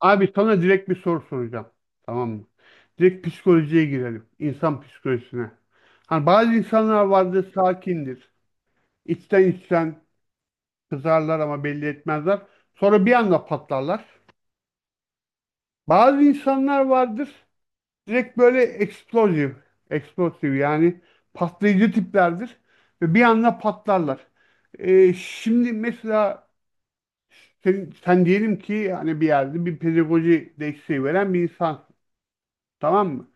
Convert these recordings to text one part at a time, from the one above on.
Abi sana direkt bir soru soracağım. Tamam mı? Direkt psikolojiye girelim. İnsan psikolojisine. Hani bazı insanlar vardır sakindir. İçten içten kızarlar ama belli etmezler. Sonra bir anda patlarlar. Bazı insanlar vardır. Direkt böyle eksplosif. Eksplosif yani patlayıcı tiplerdir. Ve bir anda patlarlar. Şimdi mesela sen diyelim ki hani bir yerde bir pedagoji desteği veren bir insan. Tamam mı?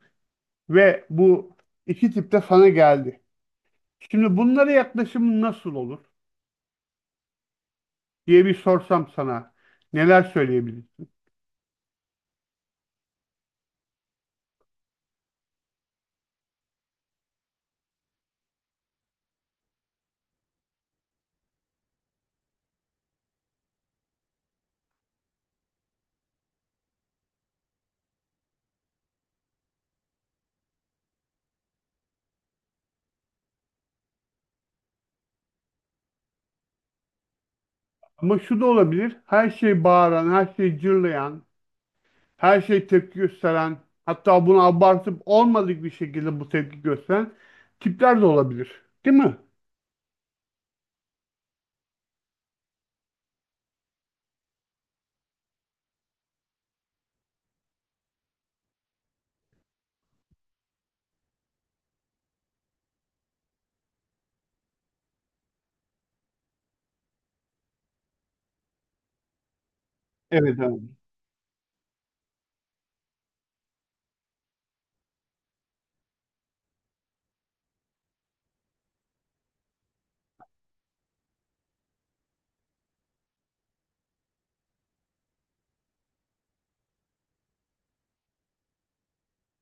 Ve bu iki tip de sana geldi. Şimdi bunlara yaklaşımın nasıl olur diye bir sorsam sana neler söyleyebilirsin? Ama şu da olabilir. Her şey bağıran, her şey cırlayan, her şey tepki gösteren, hatta bunu abartıp olmadık bir şekilde bu tepki gösteren tipler de olabilir. Değil mi? Evet abi.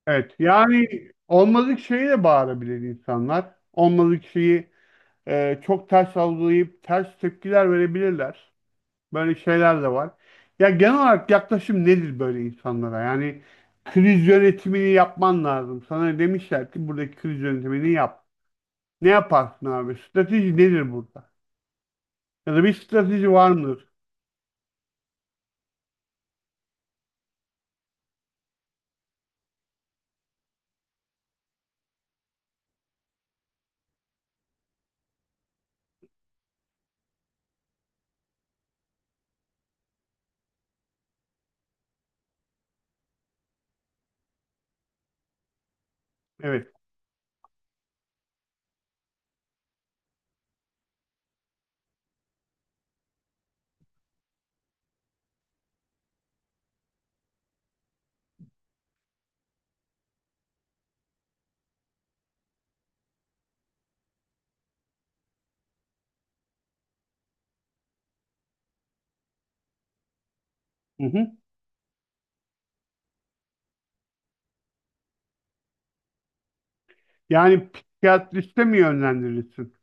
Evet. Yani olmadık şeyi de bağırabilir insanlar. Olmadık şeyi çok ters algılayıp ters tepkiler verebilirler. Böyle şeyler de var. Ya genel olarak yaklaşım nedir böyle insanlara? Yani kriz yönetimini yapman lazım. Sana demişler ki buradaki kriz yönetimini yap. Ne yaparsın abi? Strateji nedir burada? Ya da bir strateji var mıdır? Evet. Hı hı. Yani psikiyatriste mi yönlendirirsin?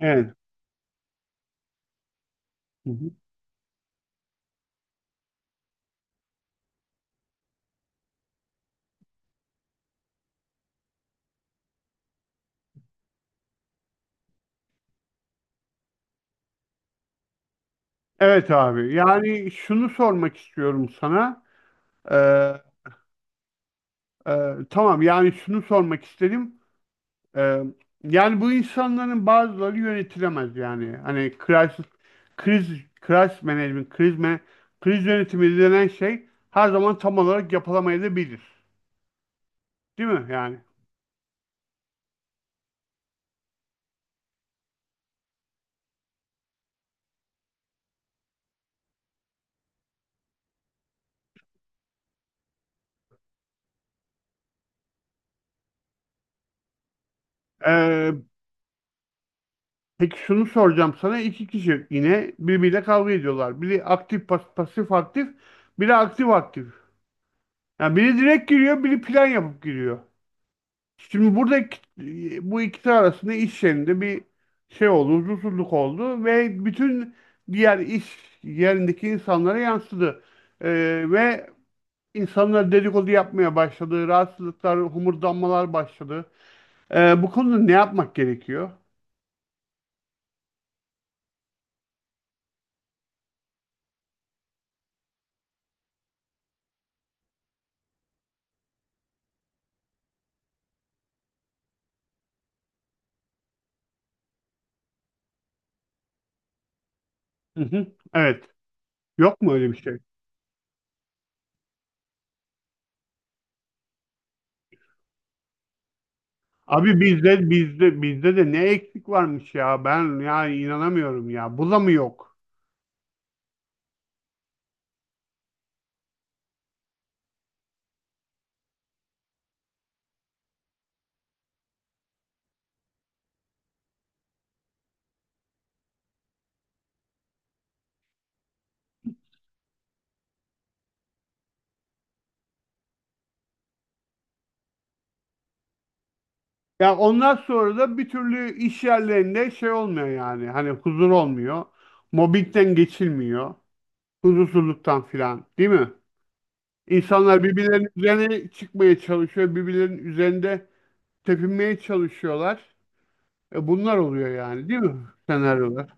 Evet. Hı hı. Evet abi. Yani şunu sormak istiyorum sana. Ee, e, tamam yani şunu sormak istedim. Ee, Yani bu insanların bazıları yönetilemez yani. Hani crisis, kriz, crisis management, kriz yönetimi denen şey her zaman tam olarak yapılamayabilir. Değil mi yani? Ee, peki şunu soracağım sana. İki kişi yine birbiriyle kavga ediyorlar. Biri pasif aktif, biri aktif aktif. Yani biri direkt giriyor, biri plan yapıp giriyor. Şimdi buradaki bu ikisi arasında iş yerinde bir şey oldu, huzursuzluk oldu ve bütün diğer iş yerindeki insanlara yansıdı. Ve insanlar dedikodu yapmaya başladı, rahatsızlıklar, homurdanmalar başladı. Bu konuda ne yapmak gerekiyor? Hı hı. Evet. Yok mu öyle bir şey? Abi bizde de ne eksik varmış ya. Ben yani inanamıyorum ya. Bu da mı yok? Ya ondan sonra da bir türlü iş yerlerinde şey olmuyor yani. Hani huzur olmuyor. Mobbingden geçilmiyor. Huzursuzluktan filan, değil mi? İnsanlar birbirlerinin üzerine çıkmaya çalışıyor. Birbirlerinin üzerinde tepinmeye çalışıyorlar. E bunlar oluyor yani, değil mi? Senaryolar.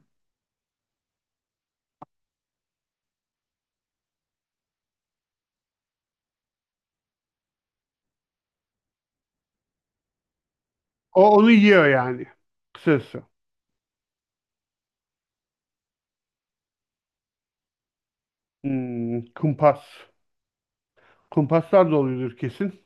O onu yiyor yani. Kısası. Hmm, kumpas. Kumpaslar da oluyordur kesin.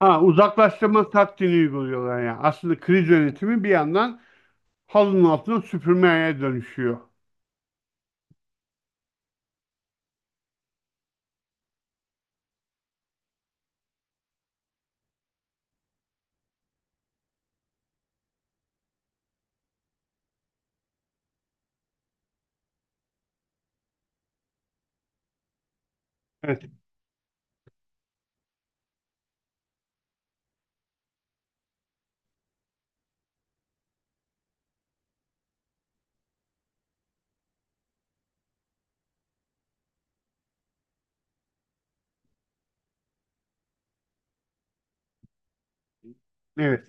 Ha, uzaklaştırma taktiğini uyguluyorlar yani. Aslında kriz yönetimi bir yandan halının altına süpürmeye dönüşüyor. Evet, evet.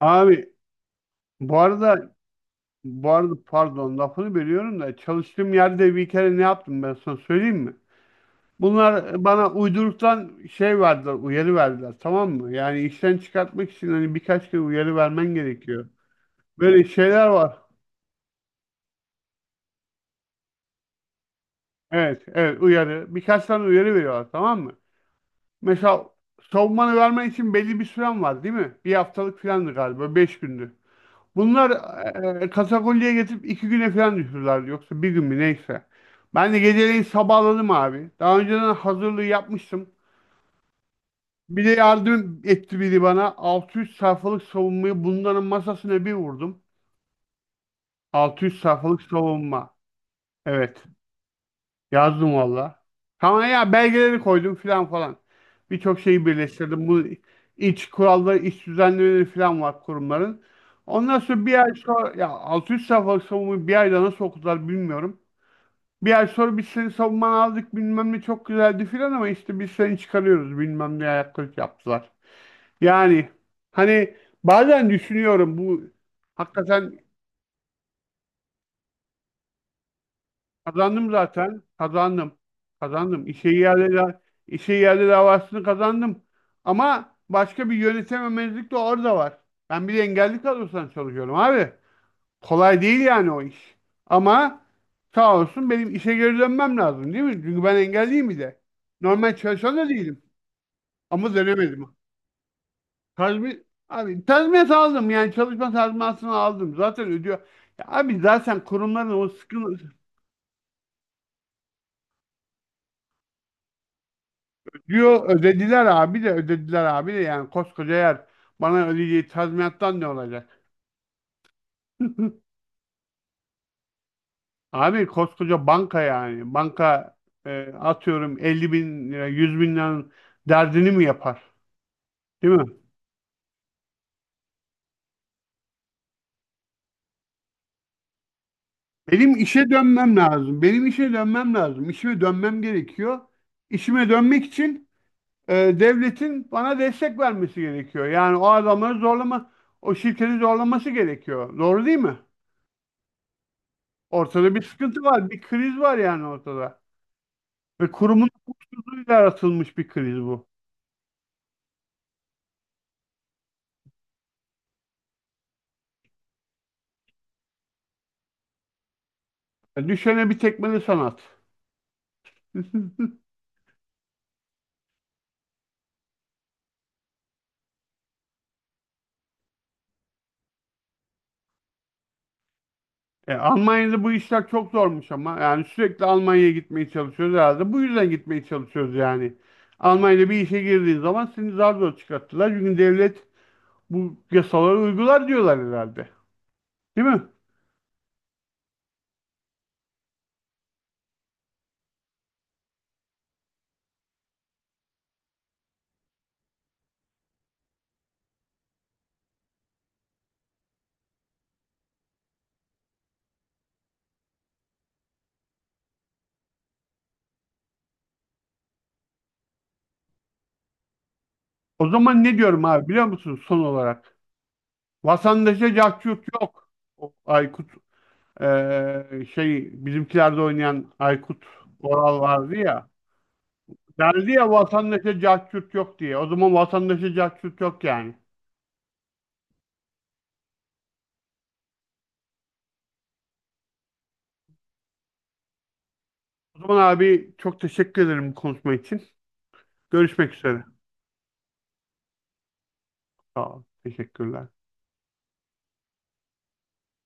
Abi bu arada bu arada pardon lafını bölüyorum da çalıştığım yerde bir kere ne yaptım ben sana söyleyeyim mi? Bunlar bana uyduruktan şey verdiler, uyarı verdiler tamam mı? Yani işten çıkartmak için hani birkaç kere uyarı vermen gerekiyor. Böyle şeyler var. Evet, evet uyarı. Birkaç tane uyarı veriyorlar tamam mı? Mesela savunmanı vermen için belli bir süren var değil mi? Bir haftalık filandı galiba, beş gündü. Bunlar katakulliye getirip iki güne falan düşürürlerdi. Yoksa bir gün mü neyse. Ben de geceleyin sabahladım abi. Daha önceden hazırlığı yapmıştım. Bir de yardım etti biri bana. 600 sayfalık savunmayı bunların masasına bir vurdum. Altı yüz sayfalık savunma. Evet. Yazdım valla. Tamam ya belgeleri koydum filan falan. Birçok şeyi birleştirdim. Bu iç kuralları, iç düzenlemeleri filan var kurumların. Ondan sonra bir ay sonra ya 600 sayfalık savunmayı bir ayda nasıl okudular bilmiyorum. Bir ay sonra biz seni savunmanı aldık bilmem ne çok güzeldi filan ama işte biz seni çıkarıyoruz bilmem ne ayaklık yaptılar. Yani hani bazen düşünüyorum bu hakikaten Kazandım zaten. Kazandım. Kazandım. İşe yerli, işe yerli davasını kazandım. Ama başka bir yönetememezlik de orada var. Ben bir de engelli kadrosundan çalışıyorum abi. Kolay değil yani o iş. Ama sağ olsun benim işe geri dönmem lazım değil mi? Çünkü ben engelliyim bir de. Normal çalışan da değilim. Ama dönemedim. Abi tazminat aldım yani çalışma tazminatını aldım. Zaten ödüyor. Ya abi zaten kurumların o sıkıntı, diyor ödediler abi de ödediler abi de yani koskoca yer bana ödeyeceği tazminattan ne olacak? Abi koskoca banka yani banka atıyorum 50 bin lira 100 bin liranın derdini mi yapar? Değil mi? Benim işe dönmem lazım. Benim işe dönmem lazım. İşime dönmem gerekiyor. İşime dönmek için devletin bana destek vermesi gerekiyor. Yani o adamları zorlama, o şirketi zorlaması gerekiyor. Doğru değil mi? Ortada bir sıkıntı var, bir kriz var yani ortada. Ve kurumun hukuksuzluğuyla yaratılmış bir kriz bu. E, düşene bir tekmeli sanat. E, Almanya'da bu işler çok zormuş ama. Yani sürekli Almanya'ya gitmeye çalışıyoruz herhalde. Bu yüzden gitmeye çalışıyoruz yani. Almanya'da bir işe girdiğin zaman seni zar zor çıkarttılar. Çünkü devlet bu yasaları uygular diyorlar herhalde. Değil mi? O zaman ne diyorum abi biliyor musun son olarak? Vatandaşa cahçurt yok. O Aykut bizimkilerde oynayan Aykut Oral vardı ya. Geldi ya vatandaşa cahçurt yok diye. O zaman vatandaşa cahçurt yok yani. O zaman abi çok teşekkür ederim konuşma için. Görüşmek üzere. Sağ ol. Teşekkürler.